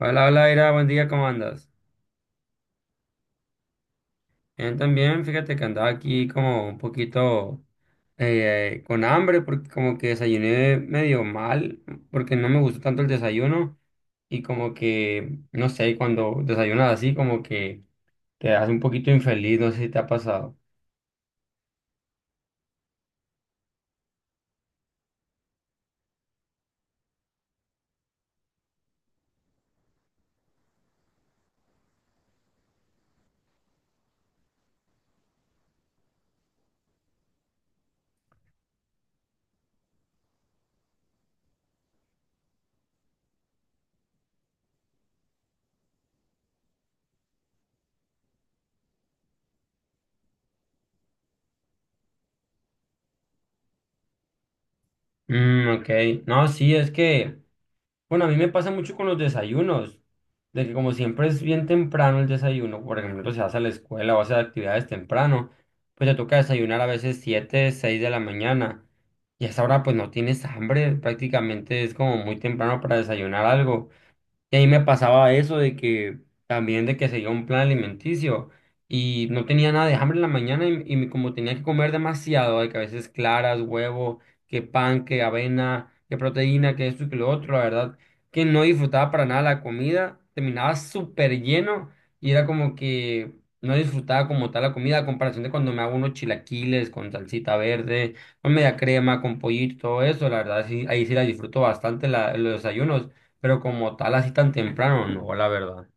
Hola, hola, Ira, buen día, ¿cómo andas? Bien, también, fíjate que andaba aquí como un poquito con hambre, porque como que desayuné medio mal, porque no me gustó tanto el desayuno, y como que, no sé, cuando desayunas así, como que te hace un poquito infeliz, no sé si te ha pasado. Mm, ok, no, sí, es que... Bueno, a mí me pasa mucho con los desayunos, de que como siempre es bien temprano el desayuno, por ejemplo, se vas a la escuela o hace actividades temprano, pues te toca desayunar a veces 7 6 de la mañana. Y a esa hora pues no tienes hambre, prácticamente es como muy temprano para desayunar algo. Y ahí me pasaba eso de que también de que seguía un plan alimenticio y no tenía nada de hambre en la mañana y me- como tenía que comer demasiado, de que a veces claras, huevo, que pan, que avena, que proteína, que esto y que lo otro, la verdad que no disfrutaba para nada la comida, terminaba súper lleno y era como que no disfrutaba como tal la comida a comparación de cuando me hago unos chilaquiles con salsita verde, con media crema, con pollito, todo eso, la verdad sí, ahí sí la disfruto bastante la, los desayunos, pero como tal, así tan temprano, no, la verdad.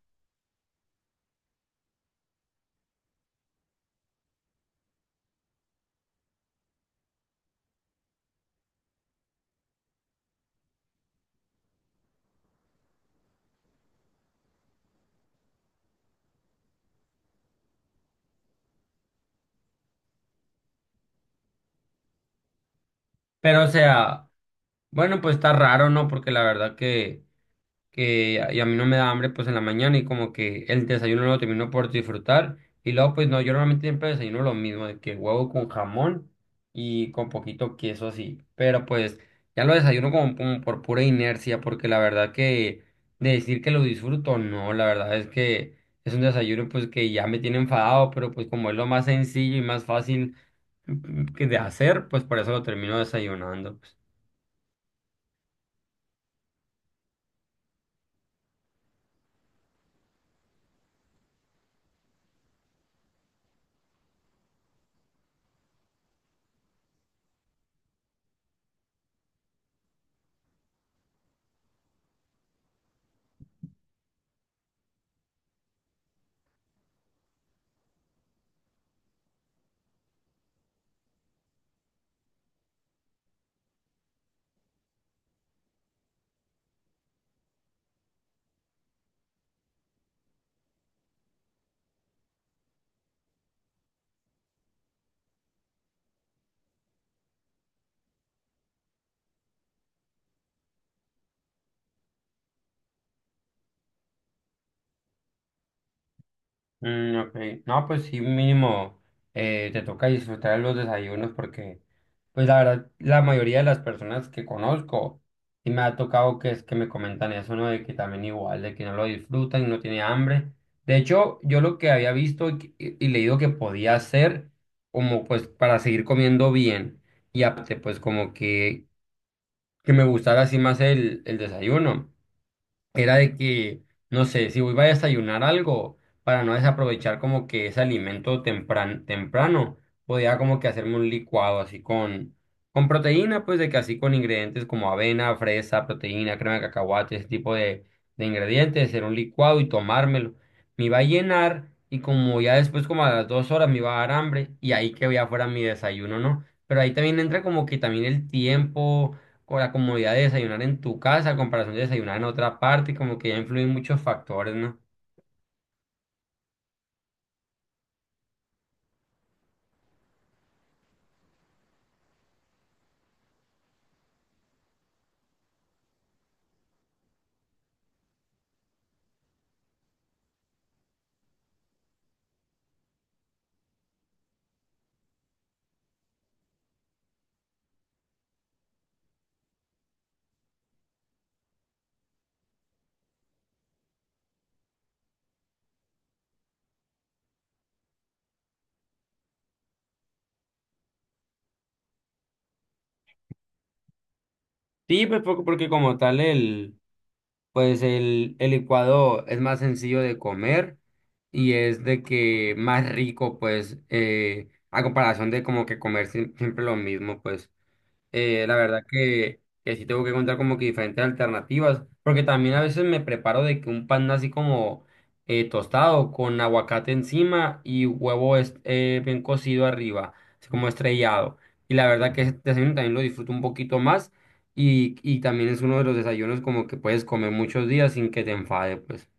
Pero, o sea, bueno, pues está raro, ¿no? Porque la verdad que a- y a mí no me da hambre, pues en la mañana y como que el desayuno no lo termino por disfrutar. Y luego, pues no, yo normalmente siempre desayuno lo mismo, de que huevo con jamón y con poquito queso así. Pero pues ya lo desayuno como, como por pura inercia, porque la verdad que de decir que lo disfruto, no, la verdad es que es un desayuno pues que ya me tiene enfadado, pero pues como es lo más sencillo y más fácil que de hacer, pues por eso lo termino desayunando. Pues. Mm, ok. No, pues sí, mínimo te toca disfrutar de los desayunos porque, pues la verdad, la mayoría de las personas que conozco, sí me ha tocado que es que me comentan eso, ¿no? De que también igual, de que no lo disfrutan y no tiene hambre. De hecho, yo lo que había visto y, que- y leído que podía hacer, como pues para seguir comiendo bien y aparte, pues como que me gustara así más el desayuno era de que, no sé, si voy a desayunar algo, para no desaprovechar como que ese alimento tempran- temprano, podía como que hacerme un licuado así con proteína, pues de que así con ingredientes como avena, fresa, proteína, crema de cacahuate, ese tipo de ingredientes, hacer un licuado y tomármelo. Me iba a llenar y como ya después como a las 2 horas me iba a dar hambre y ahí que ya fuera mi desayuno, ¿no? Pero ahí también entra como que también el tiempo o la comodidad de desayunar en tu casa a comparación de desayunar en otra parte, como que ya influyen muchos factores, ¿no? Sí, pues porque como tal el, pues el licuado es más sencillo de comer y es de que más rico, pues, a comparación de como que comer sie- siempre lo mismo, pues. Eh, la verdad que sí tengo que encontrar como que diferentes alternativas, porque también a veces me preparo de que un pan así como tostado con aguacate encima y huevo es- bien cocido arriba, así como estrellado. Y la verdad que ese desayuno también lo disfruto un poquito más y también es uno de los desayunos como que puedes comer muchos días sin que te enfade, pues.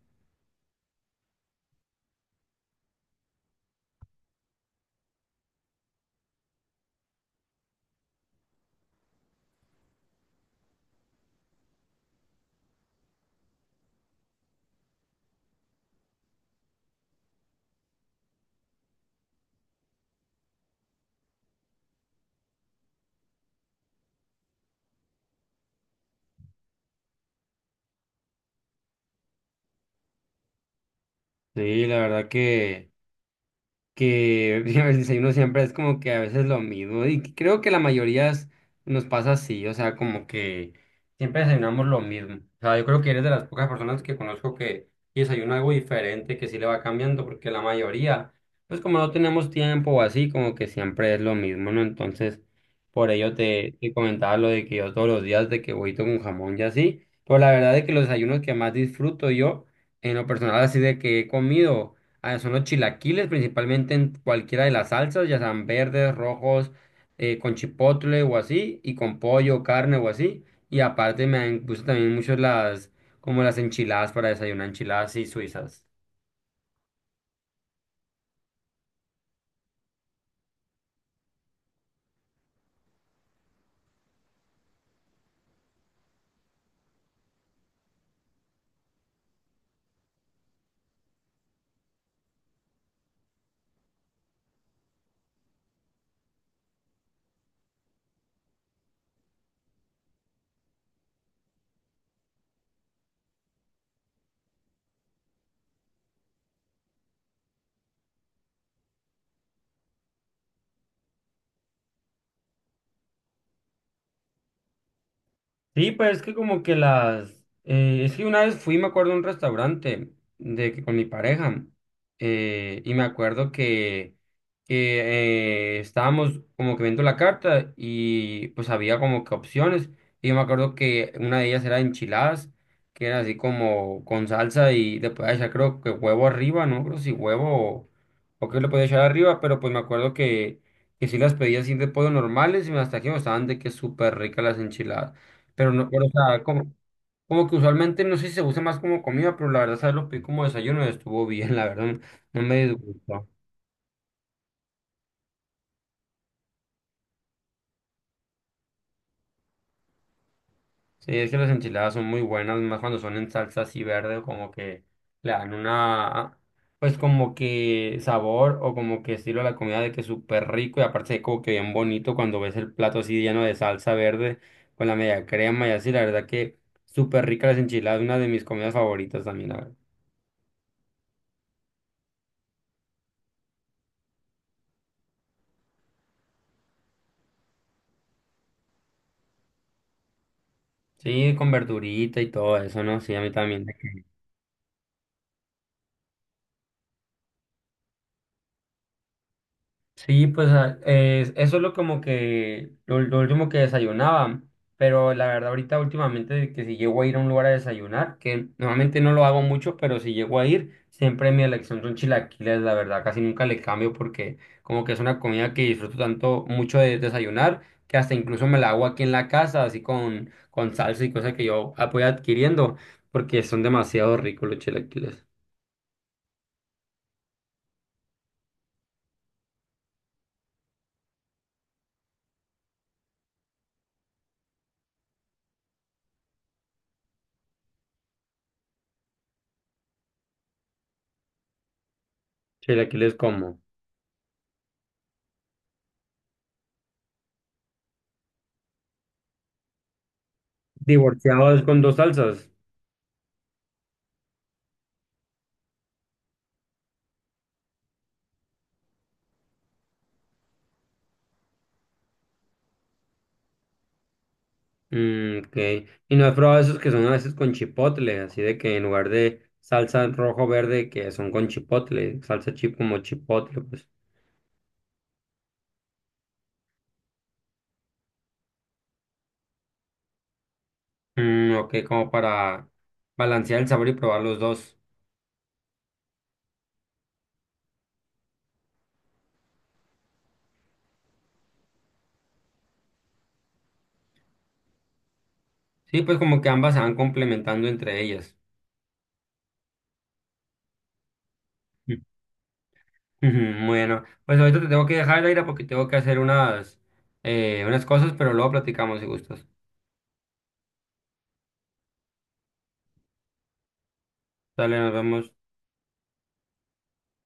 Sí, la verdad que ya el desayuno siempre es como que a veces lo mismo. Y que creo que la mayoría es- nos pasa así, o sea, como que siempre desayunamos lo mismo. O sea, yo creo que eres de las pocas personas que conozco que desayuna algo diferente, que sí le va cambiando, porque la mayoría, pues como no tenemos tiempo o así, como que siempre es lo mismo, ¿no? Entonces, por ello te, te comentaba lo de que yo todos los días de que huevito con jamón y así. Pero la verdad es que los desayunos que más disfruto yo, en lo personal, así de que he comido. Ah, son los chilaquiles, principalmente en cualquiera de las salsas, ya sean verdes, rojos, con chipotle o así, y con pollo, carne o así. Y aparte me gustan también mucho las, como las enchiladas para desayunar, enchiladas y suizas. Sí, pues es que como que las... es que una vez fui, me acuerdo, a un restaurante de que con mi pareja y me acuerdo que estábamos como que viendo la carta y pues había como que opciones y yo me acuerdo que una de ellas era enchiladas, que era así como con salsa y le podía echar creo que huevo arriba, no creo si huevo o, o qué le podía echar arriba, pero pues me acuerdo que sí las pedía así de pollo normales y hasta aquí me estaban de que súper ricas las enchiladas. Pero no, pero, o sea, como, como que usualmente no sé si se usa más como comida, pero la verdad, ¿sabes? Lo pedí como desayuno y estuvo bien, la verdad, no, no me disgustó. Sí, es que las enchiladas son muy buenas, más cuando son en salsa así verde, como que le dan una, pues como que sabor o como que estilo a la comida de que es súper rico y aparte como que bien bonito cuando ves el plato así lleno de salsa verde con la media crema y así, la verdad que súper rica las enchiladas, una de mis comidas favoritas también, la verdad. Sí, con verdurita y todo eso, ¿no? Sí, a mí también. Sí, pues a- es- eso es lo como que lo último que desayunaba, pero la verdad ahorita últimamente que si llego a ir a un lugar a desayunar, que normalmente no lo hago mucho, pero si llego a ir, siempre mi elección son chilaquiles, la verdad, casi nunca le cambio porque como que es una comida que disfruto tanto mucho de desayunar, que hasta incluso me la hago aquí en la casa, así con salsa y cosas que yo ah, voy adquiriendo, porque son demasiado ricos los chilaquiles. Chilaquiles como divorciados con dos salsas. Mm, ok. ¿Y no has probado esos que son a veces con chipotle? Así de que en lugar de salsa rojo-verde, que son con chipotle, salsa chip como chipotle, pues. Mm, ok, como para balancear el sabor y probar los dos. Sí, pues como que ambas se van complementando entre ellas. Mm. Ujú. Bueno, pues ahorita te tengo que dejar, Aira, porque tengo que hacer unas, unas cosas, pero luego platicamos si gustas. Dale, nos vemos.